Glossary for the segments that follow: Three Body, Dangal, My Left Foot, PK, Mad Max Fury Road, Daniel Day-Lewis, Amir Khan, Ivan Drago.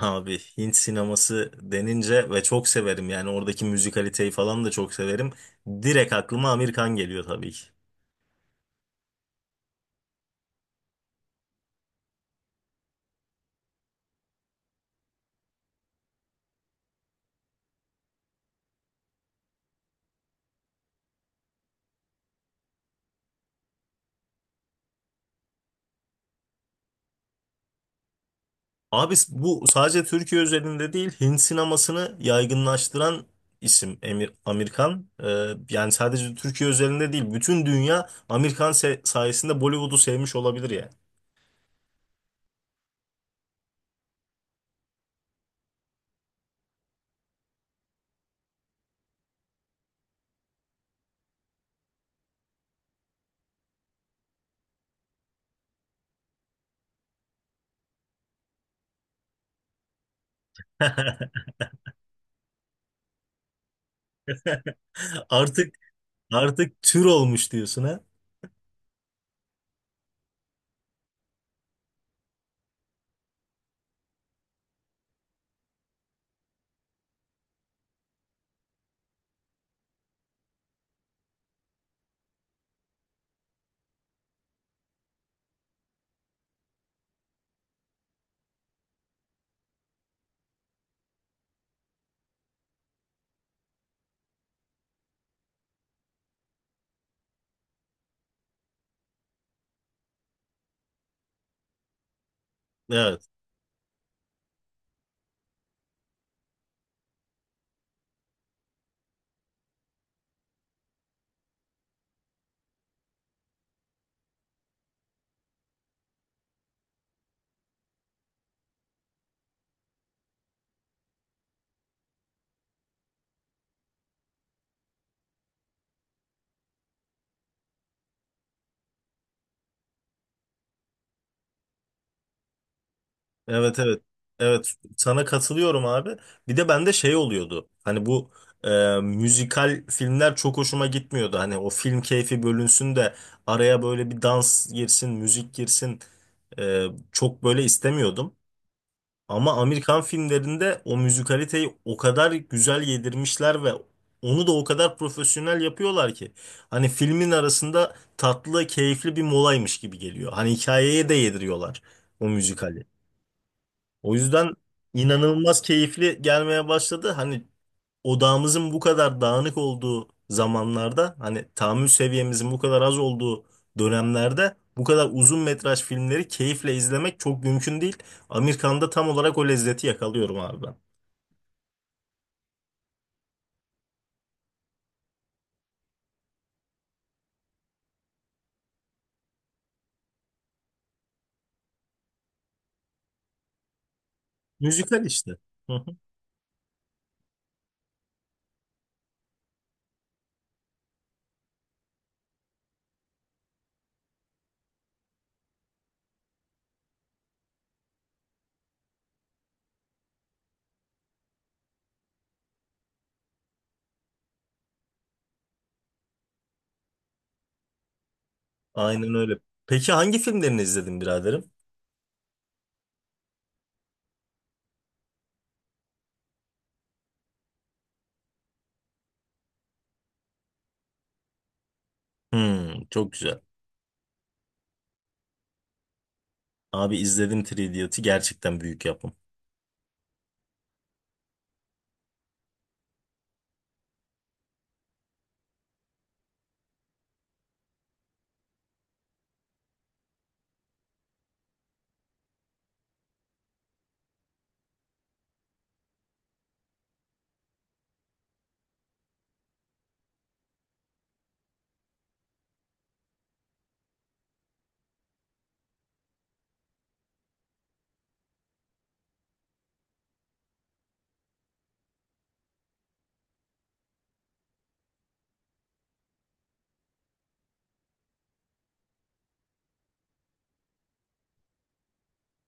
Abi Hint sineması denince ve çok severim yani oradaki müzikaliteyi falan da çok severim. Direkt aklıma Amir Khan geliyor tabii ki. Abi bu sadece Türkiye özelinde değil Hint sinemasını yaygınlaştıran isim Amir Khan. Yani sadece Türkiye özelinde değil bütün dünya Amir Khan sayesinde Bollywood'u sevmiş olabilir yani. Artık artık tür olmuş diyorsun ha. Evet. Evet evet. Evet sana katılıyorum abi. Bir de bende şey oluyordu. Hani bu e, müzikal filmler çok hoşuma gitmiyordu. Hani o film keyfi bölünsün de araya böyle bir dans girsin, müzik girsin. e, çok böyle istemiyordum. Ama Amerikan filmlerinde o müzikaliteyi o kadar güzel yedirmişler ve onu da o kadar profesyonel yapıyorlar ki. Hani filmin arasında tatlı, keyifli bir molaymış gibi geliyor. Hani hikayeye de yediriyorlar o müzikali. O yüzden inanılmaz keyifli gelmeye başladı. Hani odağımızın bu kadar dağınık olduğu zamanlarda, hani tahammül seviyemizin bu kadar az olduğu dönemlerde bu kadar uzun metraj filmleri keyifle izlemek çok mümkün değil. Amerikan'da tam olarak o lezzeti yakalıyorum abi ben. Müzikal işte. Hı hı. Aynen öyle. Peki hangi filmlerini izledin biraderim? Hmm, çok güzel. Abi izledim Three Idiot'ı gerçekten büyük yapım.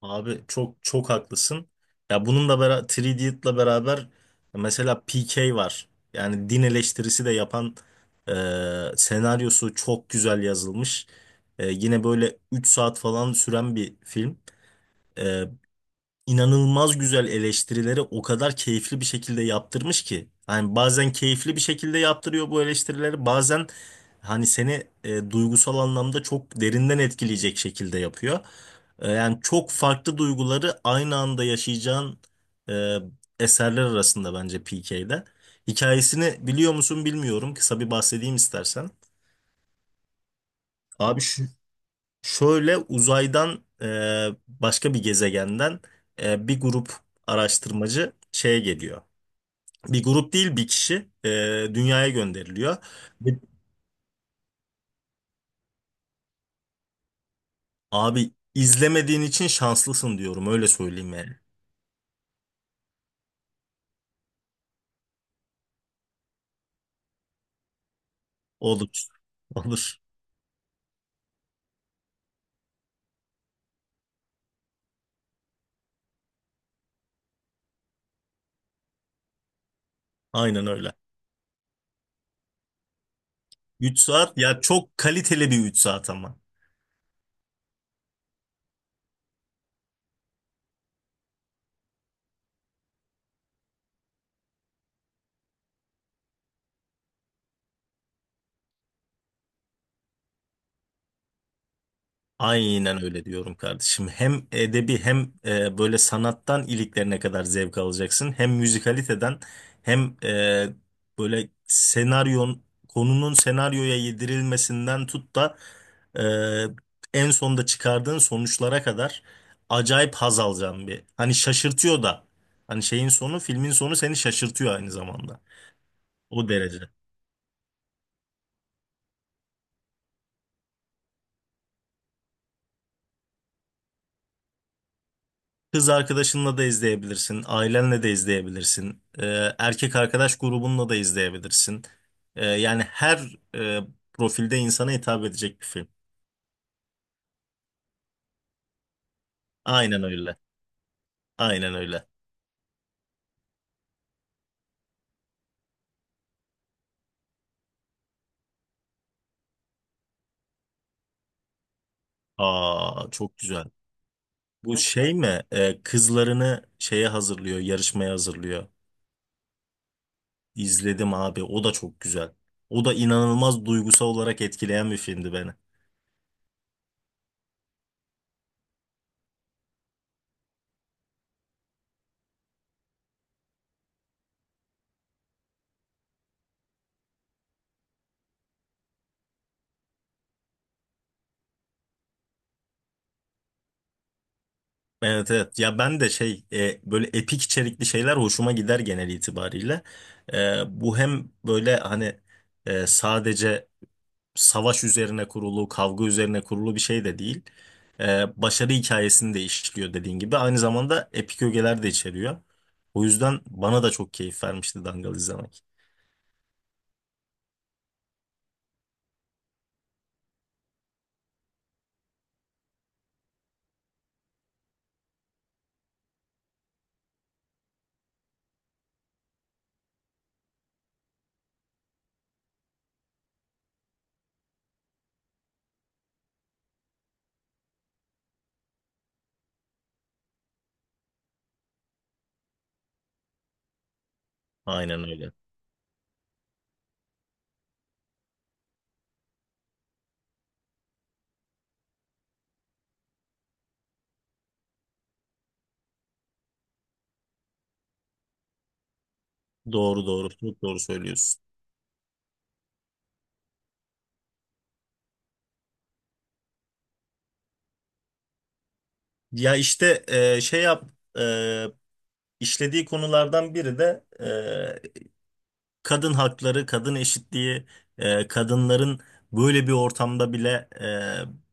Abi çok çok haklısın. Ya bununla beraber 3D'yle beraber mesela PK var. Yani din eleştirisi de yapan e, senaryosu çok güzel yazılmış. Yine böyle 3 saat falan süren bir film inanılmaz güzel eleştirileri o kadar keyifli bir şekilde yaptırmış ki. Hani bazen keyifli bir şekilde yaptırıyor bu eleştirileri, bazen hani seni duygusal anlamda çok derinden etkileyecek şekilde yapıyor. Yani çok farklı duyguları aynı anda yaşayacağın e, eserler arasında bence PK'de. Hikayesini biliyor musun bilmiyorum. Kısa bir bahsedeyim istersen. Abi şöyle uzaydan başka bir gezegenden bir grup araştırmacı şeye geliyor. Bir grup değil bir kişi dünyaya gönderiliyor. Ve abi izlemediğin için şanslısın diyorum öyle söyleyeyim yani. Olur. Olur. Aynen öyle. 3 saat ya çok kaliteli bir 3 saat ama. Aynen öyle diyorum kardeşim. Hem edebi hem böyle sanattan iliklerine kadar zevk alacaksın. Hem müzikaliteden hem böyle senaryon konunun senaryoya yedirilmesinden tut da en sonda çıkardığın sonuçlara kadar acayip haz alacağım bir. Hani şaşırtıyor da. Hani şeyin sonu filmin sonu seni şaşırtıyor aynı zamanda. O derece. Kız arkadaşınla da izleyebilirsin, ailenle de izleyebilirsin, erkek arkadaş grubunla da izleyebilirsin. Yani her profilde insana hitap edecek bir film. Aynen öyle, aynen öyle. Aa çok güzel. Bu şey mi? Kızlarını şeye hazırlıyor, yarışmaya hazırlıyor. İzledim abi, o da çok güzel. O da inanılmaz duygusal olarak etkileyen bir filmdi beni. Evet evet ya ben de şey böyle epik içerikli şeyler hoşuma gider genel itibariyle. Bu hem böyle hani sadece savaş üzerine kurulu, kavga üzerine kurulu bir şey de değil. Başarı hikayesini de işliyor dediğin gibi. Aynı zamanda epik ögeler de içeriyor. O yüzden bana da çok keyif vermişti Dangal izlemek. Aynen öyle. Doğru doğru çok doğru söylüyorsun. Ya işte e, işlediği konulardan biri de kadın hakları, kadın eşitliği, kadınların böyle bir ortamda bile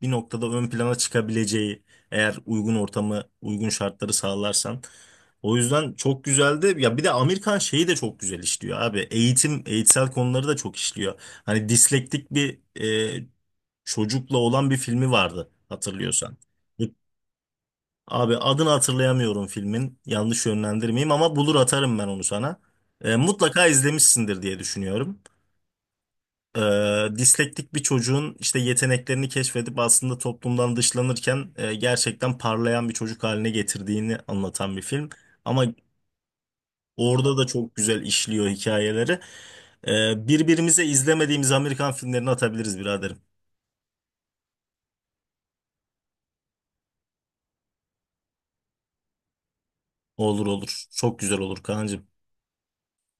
bir noktada ön plana çıkabileceği eğer uygun ortamı, uygun şartları sağlarsan. O yüzden çok güzeldi. Ya bir de Amerikan şeyi de çok güzel işliyor abi. Eğitim, eğitsel konuları da çok işliyor. Hani dislektik bir e, çocukla olan bir filmi vardı hatırlıyorsan. Abi adını hatırlayamıyorum filmin. Yanlış yönlendirmeyeyim ama bulur atarım ben onu sana. Mutlaka izlemişsindir diye düşünüyorum. Dislektik bir çocuğun işte yeteneklerini keşfedip aslında toplumdan dışlanırken gerçekten parlayan bir çocuk haline getirdiğini anlatan bir film. Ama orada da çok güzel işliyor hikayeleri. Birbirimize izlemediğimiz Amerikan filmlerini atabiliriz biraderim. Olur olur. Çok güzel olur Kaan'cığım.